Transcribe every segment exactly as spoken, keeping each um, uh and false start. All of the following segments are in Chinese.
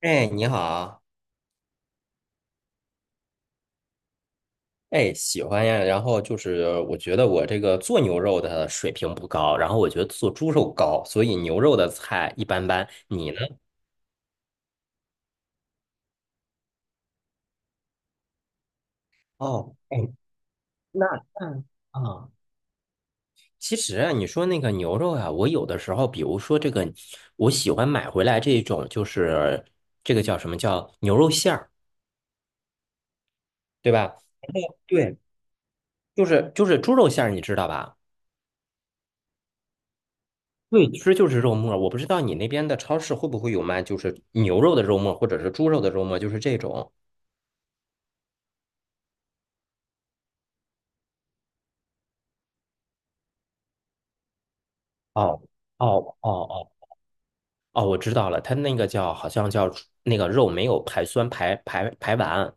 哎，你好，哎，喜欢呀。然后就是，我觉得我这个做牛肉的水平不高，然后我觉得做猪肉高，所以牛肉的菜一般般。你呢？哦，哎，那那啊，其实啊，你说那个牛肉啊，我有的时候，比如说这个，我喜欢买回来这种，就是这个叫什么叫牛肉馅儿，对吧？对，就是就是猪肉馅儿，你知道吧？对，其实就是肉沫。我不知道你那边的超市会不会有卖，就是牛肉的肉沫，或者是猪肉的肉沫，就是这种。哦哦哦哦哦，我知道了，它那个叫好像叫那个肉没有排酸排排排完。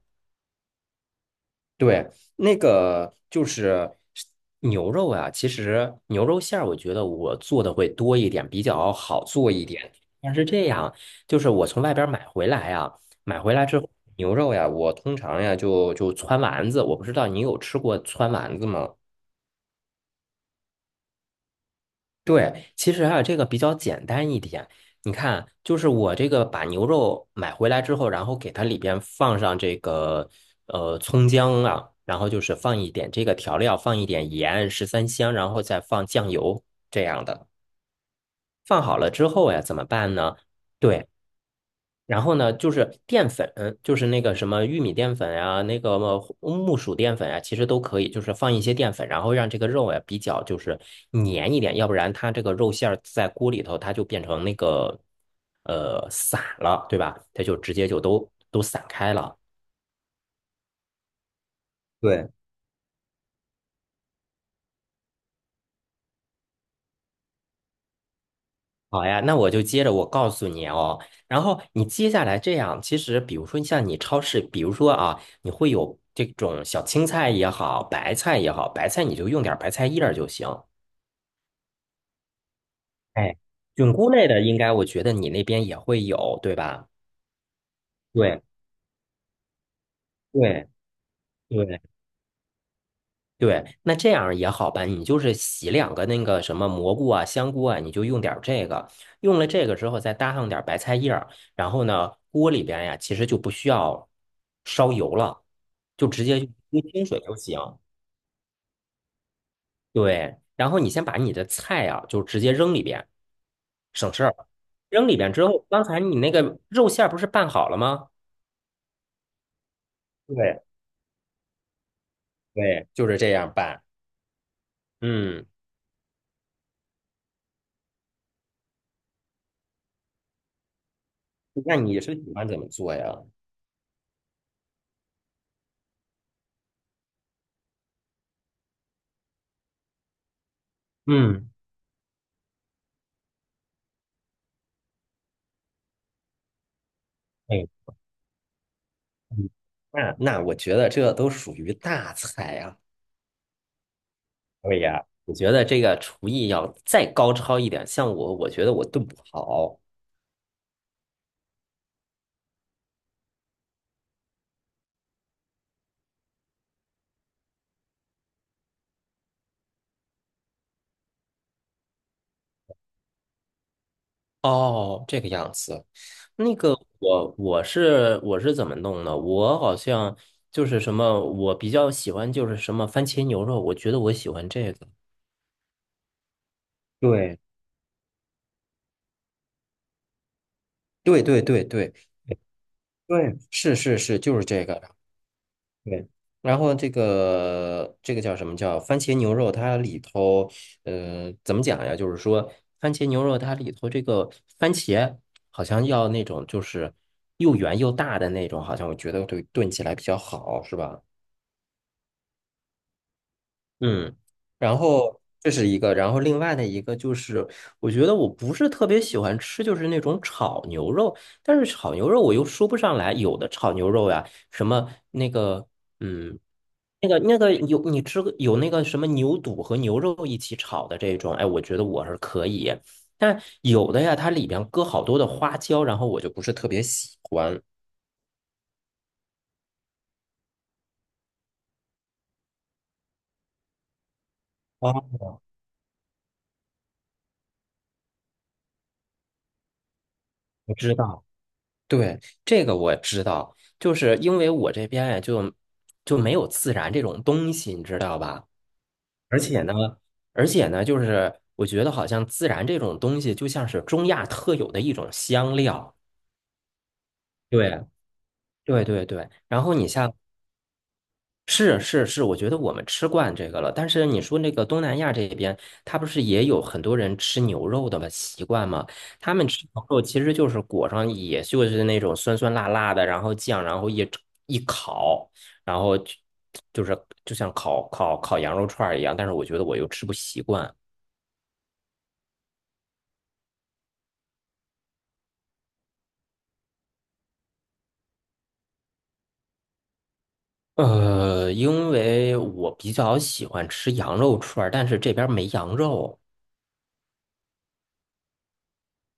对，那个就是牛肉啊，其实牛肉馅儿，我觉得我做的会多一点，比较好做一点。但是这样，就是我从外边儿买回来呀、买回来之后牛肉呀，我通常呀就就汆丸子，我不知道你有吃过汆丸子吗？对，其实啊，这个比较简单一点。你看，就是我这个把牛肉买回来之后，然后给它里边放上这个呃葱姜啊，然后就是放一点这个调料，放一点盐、十三香，然后再放酱油这样的。放好了之后呀，怎么办呢？对。然后呢，就是淀粉，就是那个什么玉米淀粉呀、那个木薯淀粉呀，其实都可以，就是放一些淀粉，然后让这个肉呀比较就是粘一点，要不然它这个肉馅儿在锅里头它就变成那个呃散了，对吧？它就直接就都都散开了。对，好呀，那我就接着我告诉你哦，然后你接下来这样，其实比如说像你超市，比如说啊，你会有这种小青菜也好，白菜也好，白菜你就用点儿白菜叶儿就行。哎，菌菇类的，应该我觉得你那边也会有，对吧？对对对对，那这样也好办，你就是洗两个那个什么蘑菇啊、香菇啊，你就用点儿这个，用了这个之后再搭上点儿白菜叶儿，然后呢，锅里边呀其实就不需要烧油了，就直接用清水就行。对，然后你先把你的菜啊就直接扔里边，省事儿。扔里边之后，刚才你那个肉馅儿不是拌好了吗？对，对，就是这样办。嗯，那你是喜欢怎么做呀？嗯，哎，嗯那那我觉得这都属于大菜啊。对呀，我觉得这个厨艺要再高超一点，像我，我觉得我炖不好。哦，这个样子。那个我我是我是怎么弄的？我好像就是什么，我比较喜欢就是什么番茄牛肉，我觉得我喜欢这个。对对对对对对，是是是，就是这个。对，然后这个这个叫什么叫番茄牛肉？它里头，呃，怎么讲呀？就是说，番茄牛肉它里头这个番茄好像要那种就是又圆又大的那种，好像我觉得对炖起来比较好，是吧？嗯，然后这是一个，然后另外的一个就是，我觉得我不是特别喜欢吃，就是那种炒牛肉，但是炒牛肉我又说不上来，有的炒牛肉呀，什么那个，嗯，那个那个有你吃过有那个什么牛肚和牛肉一起炒的这种，哎，我觉得我是可以，但有的呀，它里边搁好多的花椒，然后我就不是特别喜欢。啊，我知道。对，这个我知道，就是因为我这边呀，就就没有自然这种东西，你知道吧？而且呢，而且呢，就是我觉得好像自然这种东西就像是中亚特有的一种香料。对，对对对。然后你像是是是，我觉得我们吃惯这个了。但是你说那个东南亚这边，他不是也有很多人吃牛肉的吗？习惯吗？他们吃牛肉其实就是裹上，也就是那种酸酸辣辣的，然后酱，然后一一烤，然后就就是就像烤烤烤羊肉串儿一样。但是我觉得我又吃不习惯。呃，因为我比较喜欢吃羊肉串儿但是这边儿没羊肉。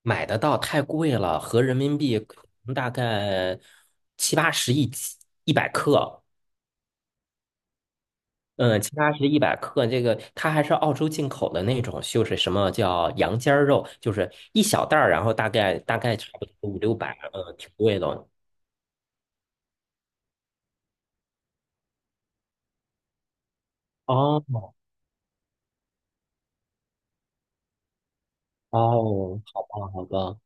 买得到太贵了，合人民币可能大概七八十一斤一百克，嗯，七八十一百克，这个它还是澳洲进口的那种，就是什么叫羊尖儿肉，就是一小袋儿，然后大概大概差不多五六百，嗯，挺贵的。哦哦，好吧，好吧，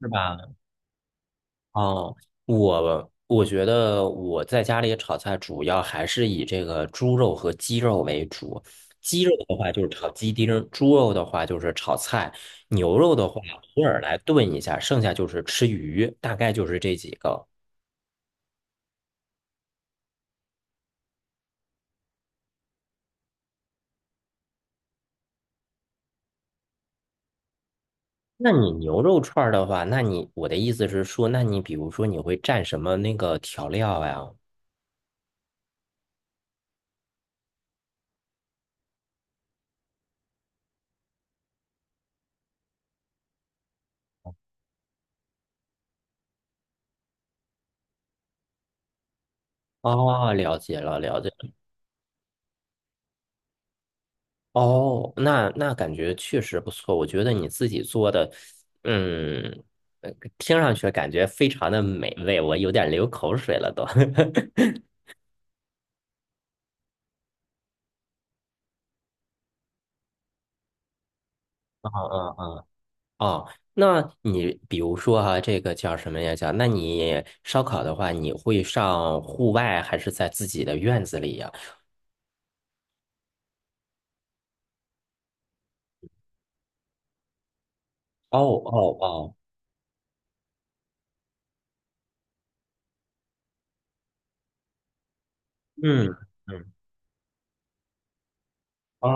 是吧？哦，我我觉得我在家里炒菜主要还是以这个猪肉和鸡肉为主。鸡肉的话就是炒鸡丁儿，猪肉的话就是炒菜，牛肉的话偶尔来炖一下，剩下就是吃鱼，大概就是这几个。那你牛肉串儿的话，那你我的意思是说，那你比如说你会蘸什么那个调料呀？哦，了解了，了解。哦，那那感觉确实不错。我觉得你自己做的，嗯，呃听上去感觉非常的美味，我有点流口水了都。嗯嗯嗯。哦，那你比如说哈、这个叫什么呀？叫那你烧烤的话，你会上户外还是在自己的院子里呀？哦哦哦，嗯嗯啊，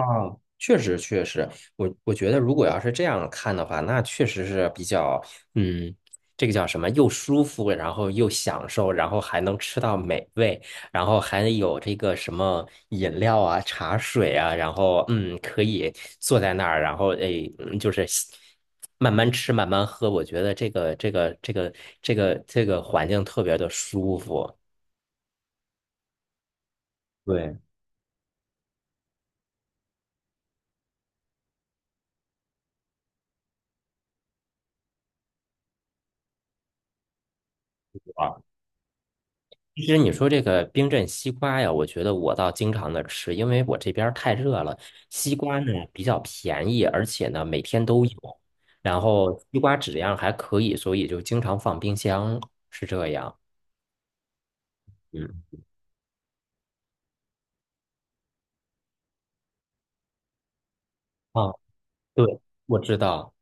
确实确实，我我觉得如果要是这样看的话，那确实是比较，嗯，这个叫什么，又舒服，然后又享受，然后还能吃到美味，然后还有这个什么饮料啊、茶水啊，然后嗯，可以坐在那儿，然后哎，嗯就是吸慢慢吃、慢慢喝，我觉得这个这个这个这个这个环境特别的舒服。对，其实你说这个冰镇西瓜呀，我觉得我倒经常的吃，因为我这边儿太热了。西瓜呢比较便宜，而且呢每天都有，然后西瓜质量还可以，所以就经常放冰箱，是这样。嗯，啊，对，我知道。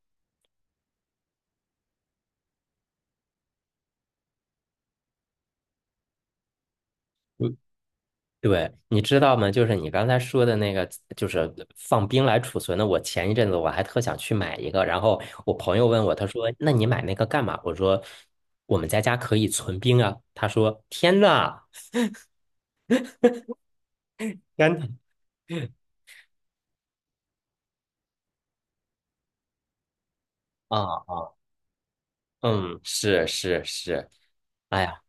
嗯，对，你知道吗？就是你刚才说的那个，就是放冰来储存的。我前一阵子我还特想去买一个，然后我朋友问我，他说：“那你买那个干嘛？”我说：“我们在家可以存冰啊。”他说：“天呐！”甘甜啊啊，嗯，是是是，哎呀，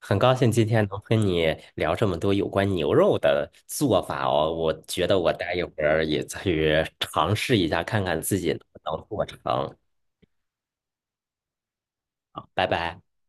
很高兴今天能跟你聊这么多有关牛肉的做法哦。我觉得我待一会儿也去尝试一下，看看自己能不能做成。拜拜。